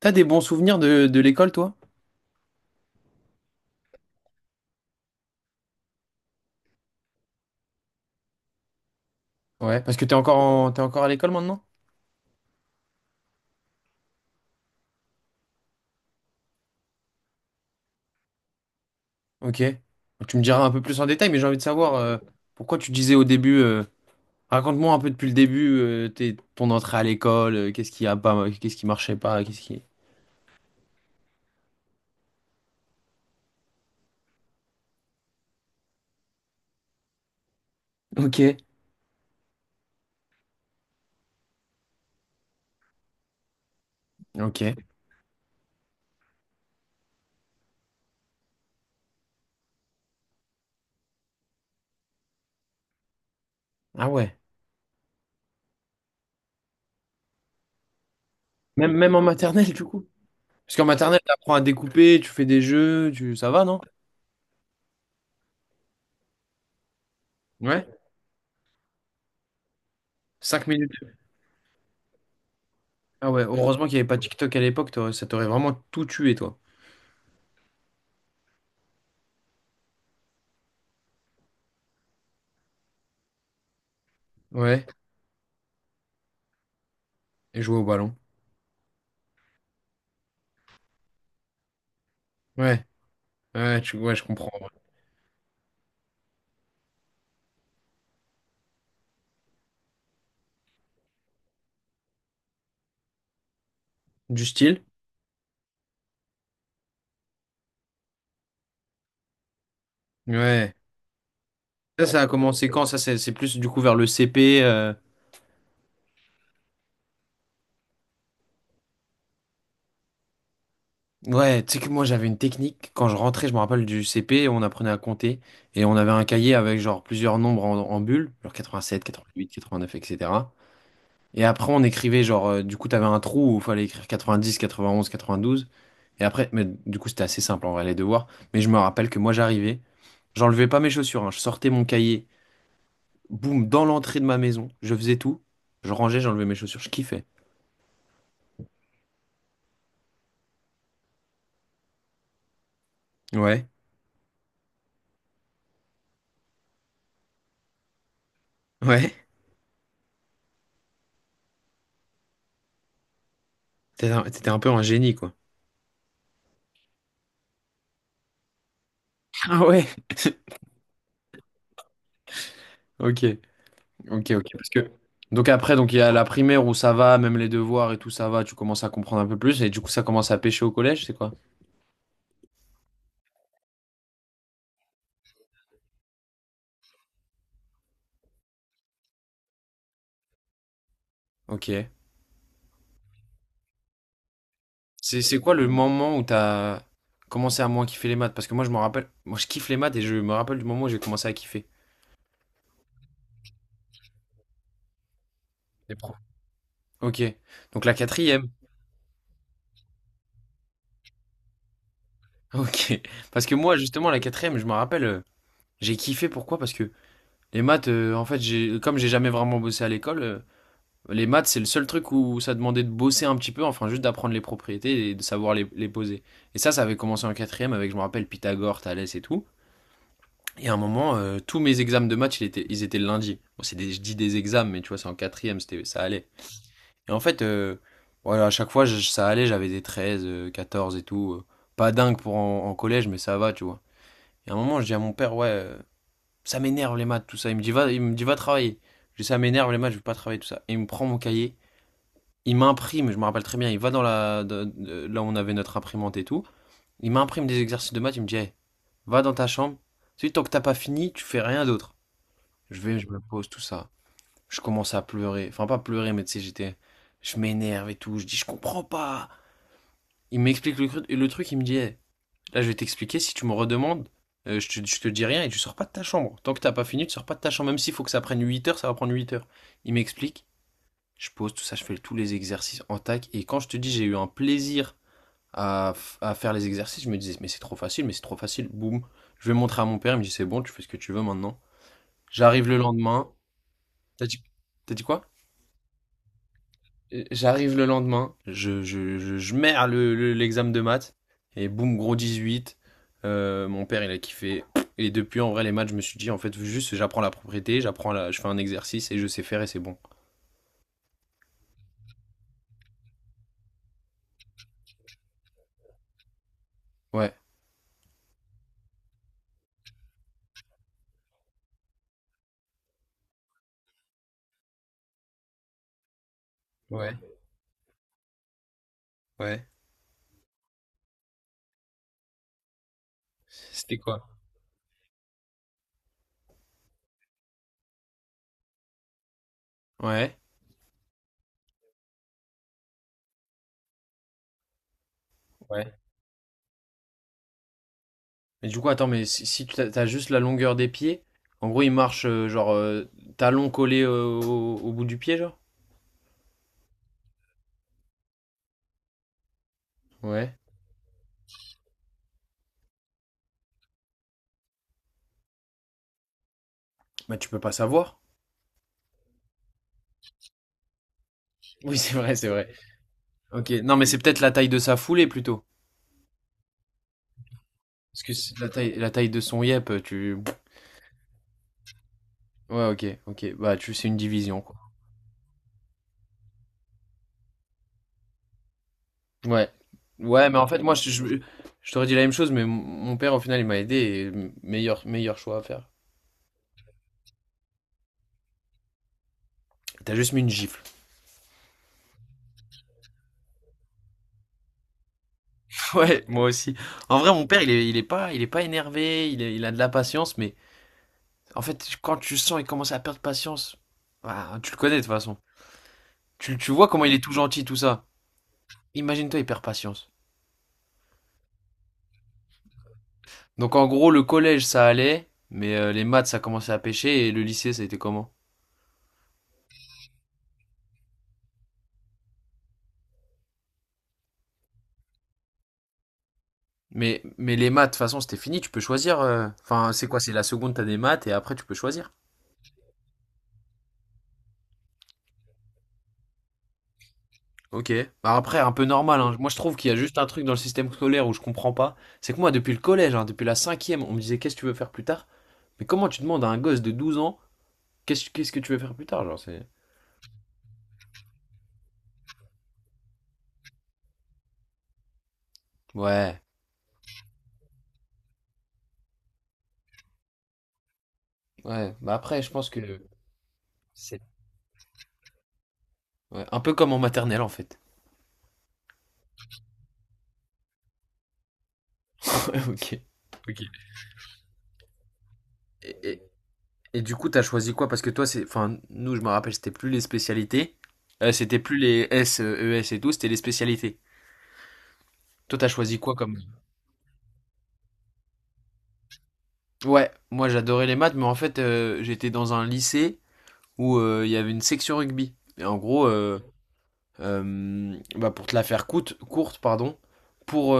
T'as des bons souvenirs de l'école, toi? Ouais, parce que t'es encore à l'école maintenant? Ok. Tu me diras un peu plus en détail, mais j'ai envie de savoir pourquoi tu disais au début. Raconte-moi un peu depuis le début, ton entrée à l'école. Qu'est-ce qui a pas, qu'est-ce qui marchait pas, qu'est-ce qui. Ok. Ok. Ah ouais. Même en maternelle du coup. Parce qu'en maternelle t'apprends à découper, tu fais des jeux, tu ça va non? Ouais. 5 minutes. Ah ouais. Heureusement qu'il n'y avait pas TikTok à l'époque, ça t'aurait vraiment tout tué toi. Ouais. Et jouer au ballon. Ouais. Ouais. Tu ouais je comprends. Du style? Ouais. Ça a commencé quand? Ça, c'est plus du coup vers le CP. Ouais, tu sais que moi j'avais une technique. Quand je rentrais, je me rappelle du CP, on apprenait à compter. Et on avait un cahier avec genre plusieurs nombres en bulles, genre 87, 88, 89, etc. Et après, on écrivait genre, du coup, t'avais un trou où il fallait écrire 90, 91, 92. Et après, mais du coup, c'était assez simple en vrai, les devoirs. Mais je me rappelle que moi j'arrivais, j'enlevais pas mes chaussures, hein. Je sortais mon cahier, boum, dans l'entrée de ma maison, je faisais tout. Je rangeais, j'enlevais mes chaussures, je kiffais. Ouais, ouais. T'étais un peu un génie, quoi. Ah ouais, ok, ok, ok. Parce que... Donc après, il y a la primaire où ça va, même les devoirs et tout, ça va, tu commences à comprendre un peu plus, et du coup ça commence à pêcher au collège, c'est quoi? Ok. C'est quoi le moment où t'as commencé à moins kiffer les maths? Parce que moi je me rappelle, moi je kiffe les maths et je me rappelle du moment où j'ai commencé à kiffer. Les profs. Ok. Donc la quatrième. Ok. Parce que moi justement la quatrième, je me rappelle, j'ai kiffé pourquoi? Parce que les maths, en fait, comme j'ai jamais vraiment bossé à l'école, les maths, c'est le seul truc où ça demandait de bosser un petit peu, enfin juste d'apprendre les propriétés et de savoir les poser. Et ça avait commencé en quatrième avec, je me rappelle, Pythagore, Thalès et tout. Et à un moment, tous mes examens de maths, ils étaient le lundi. Bon, je dis des examens, mais tu vois, c'est en quatrième, c'était, ça allait. Et en fait, voilà, à chaque fois, ça allait, j'avais des 13, 14 et tout. Pas dingue pour en collège, mais ça va, tu vois. Et à un moment, je dis à mon père, ouais, ça m'énerve les maths, tout ça. Il me dit, va travailler. Je dis, ça m'énerve les maths, je veux pas travailler, tout ça. Et il me prend mon cahier, il m'imprime, je me rappelle très bien, il va dans la là où on avait notre imprimante et tout, il m'imprime des exercices de maths, il me dit, Hey, va dans ta chambre, tu sais, tant que t'as pas fini, tu fais rien d'autre. Je vais, je me pose, tout ça. Je commence à pleurer, enfin pas pleurer, mais tu sais, j'étais, je m'énerve et tout, je dis je comprends pas. Il m'explique le truc, il me dit, Hey, là je vais t'expliquer, si tu me redemandes, je te dis rien et tu sors pas de ta chambre. Tant que t'as pas fini, tu sors pas de ta chambre, même s'il faut que ça prenne 8 heures, ça va prendre 8 heures. Il m'explique, je pose tout ça, je fais tous les exercices en tac. Et quand je te dis, j'ai eu un plaisir à, à faire les exercices, je me disais, mais c'est trop facile, mais c'est trop facile. Boum, je vais montrer à mon père, il me dit, c'est bon, tu fais ce que tu veux maintenant. J'arrive le lendemain. T'as dit, t'as dit quoi? J'arrive le lendemain, je merde l'examen de maths, et boum, gros 18. Mon père, il a kiffé. Et depuis, en vrai, les maths, je me suis dit, en fait, juste, j'apprends la propriété, je fais un exercice et je sais faire et c'est bon. Ouais. Ouais, ouais. C'était quoi? Ouais. Mais du coup, attends, mais si tu as t'as juste la longueur des pieds, en gros, il marche, genre, talon collé, au bout du pied, genre? Ouais. Bah, tu peux pas savoir. Oui, c'est vrai, c'est vrai. Ok, non, mais c'est peut-être la taille de sa foulée plutôt. Parce que c'est la taille de son yep, tu. Ouais, ok, ok. Bah, c'est une division, quoi. Ouais. Ouais, mais en fait, moi, je t'aurais dit la même chose, mais mon père, au final, il m'a aidé et meilleur, meilleur choix à faire. T'as juste mis une gifle. Ouais, moi aussi. En vrai, mon père, il est pas énervé, il a de la patience, mais En fait, quand tu sens il commence à perdre patience, bah, tu le connais de toute façon. Tu vois comment il est tout gentil, tout ça. Imagine-toi, il perd patience. Donc en gros, le collège, ça allait, mais, les maths, ça commençait à pêcher, et le lycée, ça a été comment? Mais les maths, de toute façon, c'était fini, tu peux choisir. Enfin, c'est quoi? C'est la seconde, t'as des maths, et après, tu peux choisir. Ok. Bah après, un peu normal, hein. Moi, je trouve qu'il y a juste un truc dans le système scolaire où je comprends pas. C'est que moi, depuis le collège, hein, depuis la cinquième, on me disait, qu'est-ce que tu veux faire plus tard? Mais comment tu demandes à un gosse de 12 ans, qu'est-ce que tu veux faire plus tard? Genre, c'est... Ouais, ouais. Bah après, je pense que c'est ouais, un peu comme en maternelle en fait. Ouais, ok. Ok. Et, et- et du coup, t'as choisi quoi? Parce que toi, c'est, enfin, nous, je me rappelle, c'était plus les spécialités. C'était plus les S, ES et tout, c'était les spécialités. Toi, t'as choisi quoi comme... Ouais, moi, j'adorais les maths, mais en fait, j'étais dans un lycée où, il y avait une section rugby. Et en gros, bah, pour te la faire courte, pardon, pour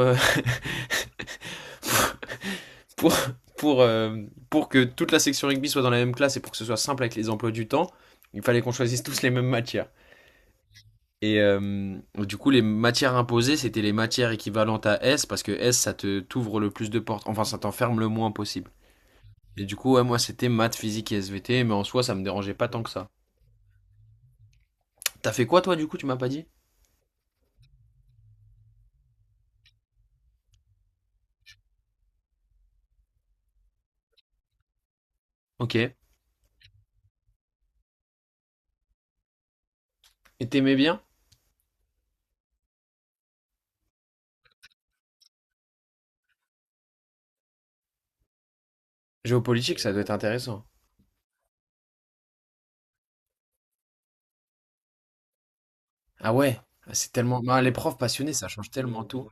pour, pour, euh, pour que toute la section rugby soit dans la même classe et pour que ce soit simple avec les emplois du temps, il fallait qu'on choisisse tous les mêmes matières. Et, du coup, les matières imposées, c'était les matières équivalentes à S, parce que S, ça te t'ouvre le plus de portes, enfin, ça t'enferme le moins possible. Et du coup, ouais, moi, c'était maths, physique et SVT, mais en soi, ça me dérangeait pas tant que ça. T'as fait quoi, toi, du coup, tu m'as pas dit Ok. Et t'aimais bien Géopolitique, ça doit être intéressant. Ah ouais, c'est tellement... bah, les profs passionnés, ça change tellement tout.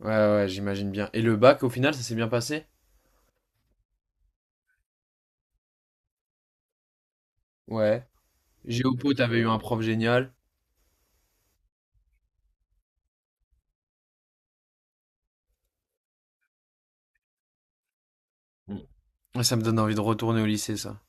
Ouais, ouais, j'imagine bien. Et le bac, au final, ça s'est bien passé Ouais. Géopo, t'avais eu un prof génial. Mm. Ça me donne envie de retourner au lycée, ça.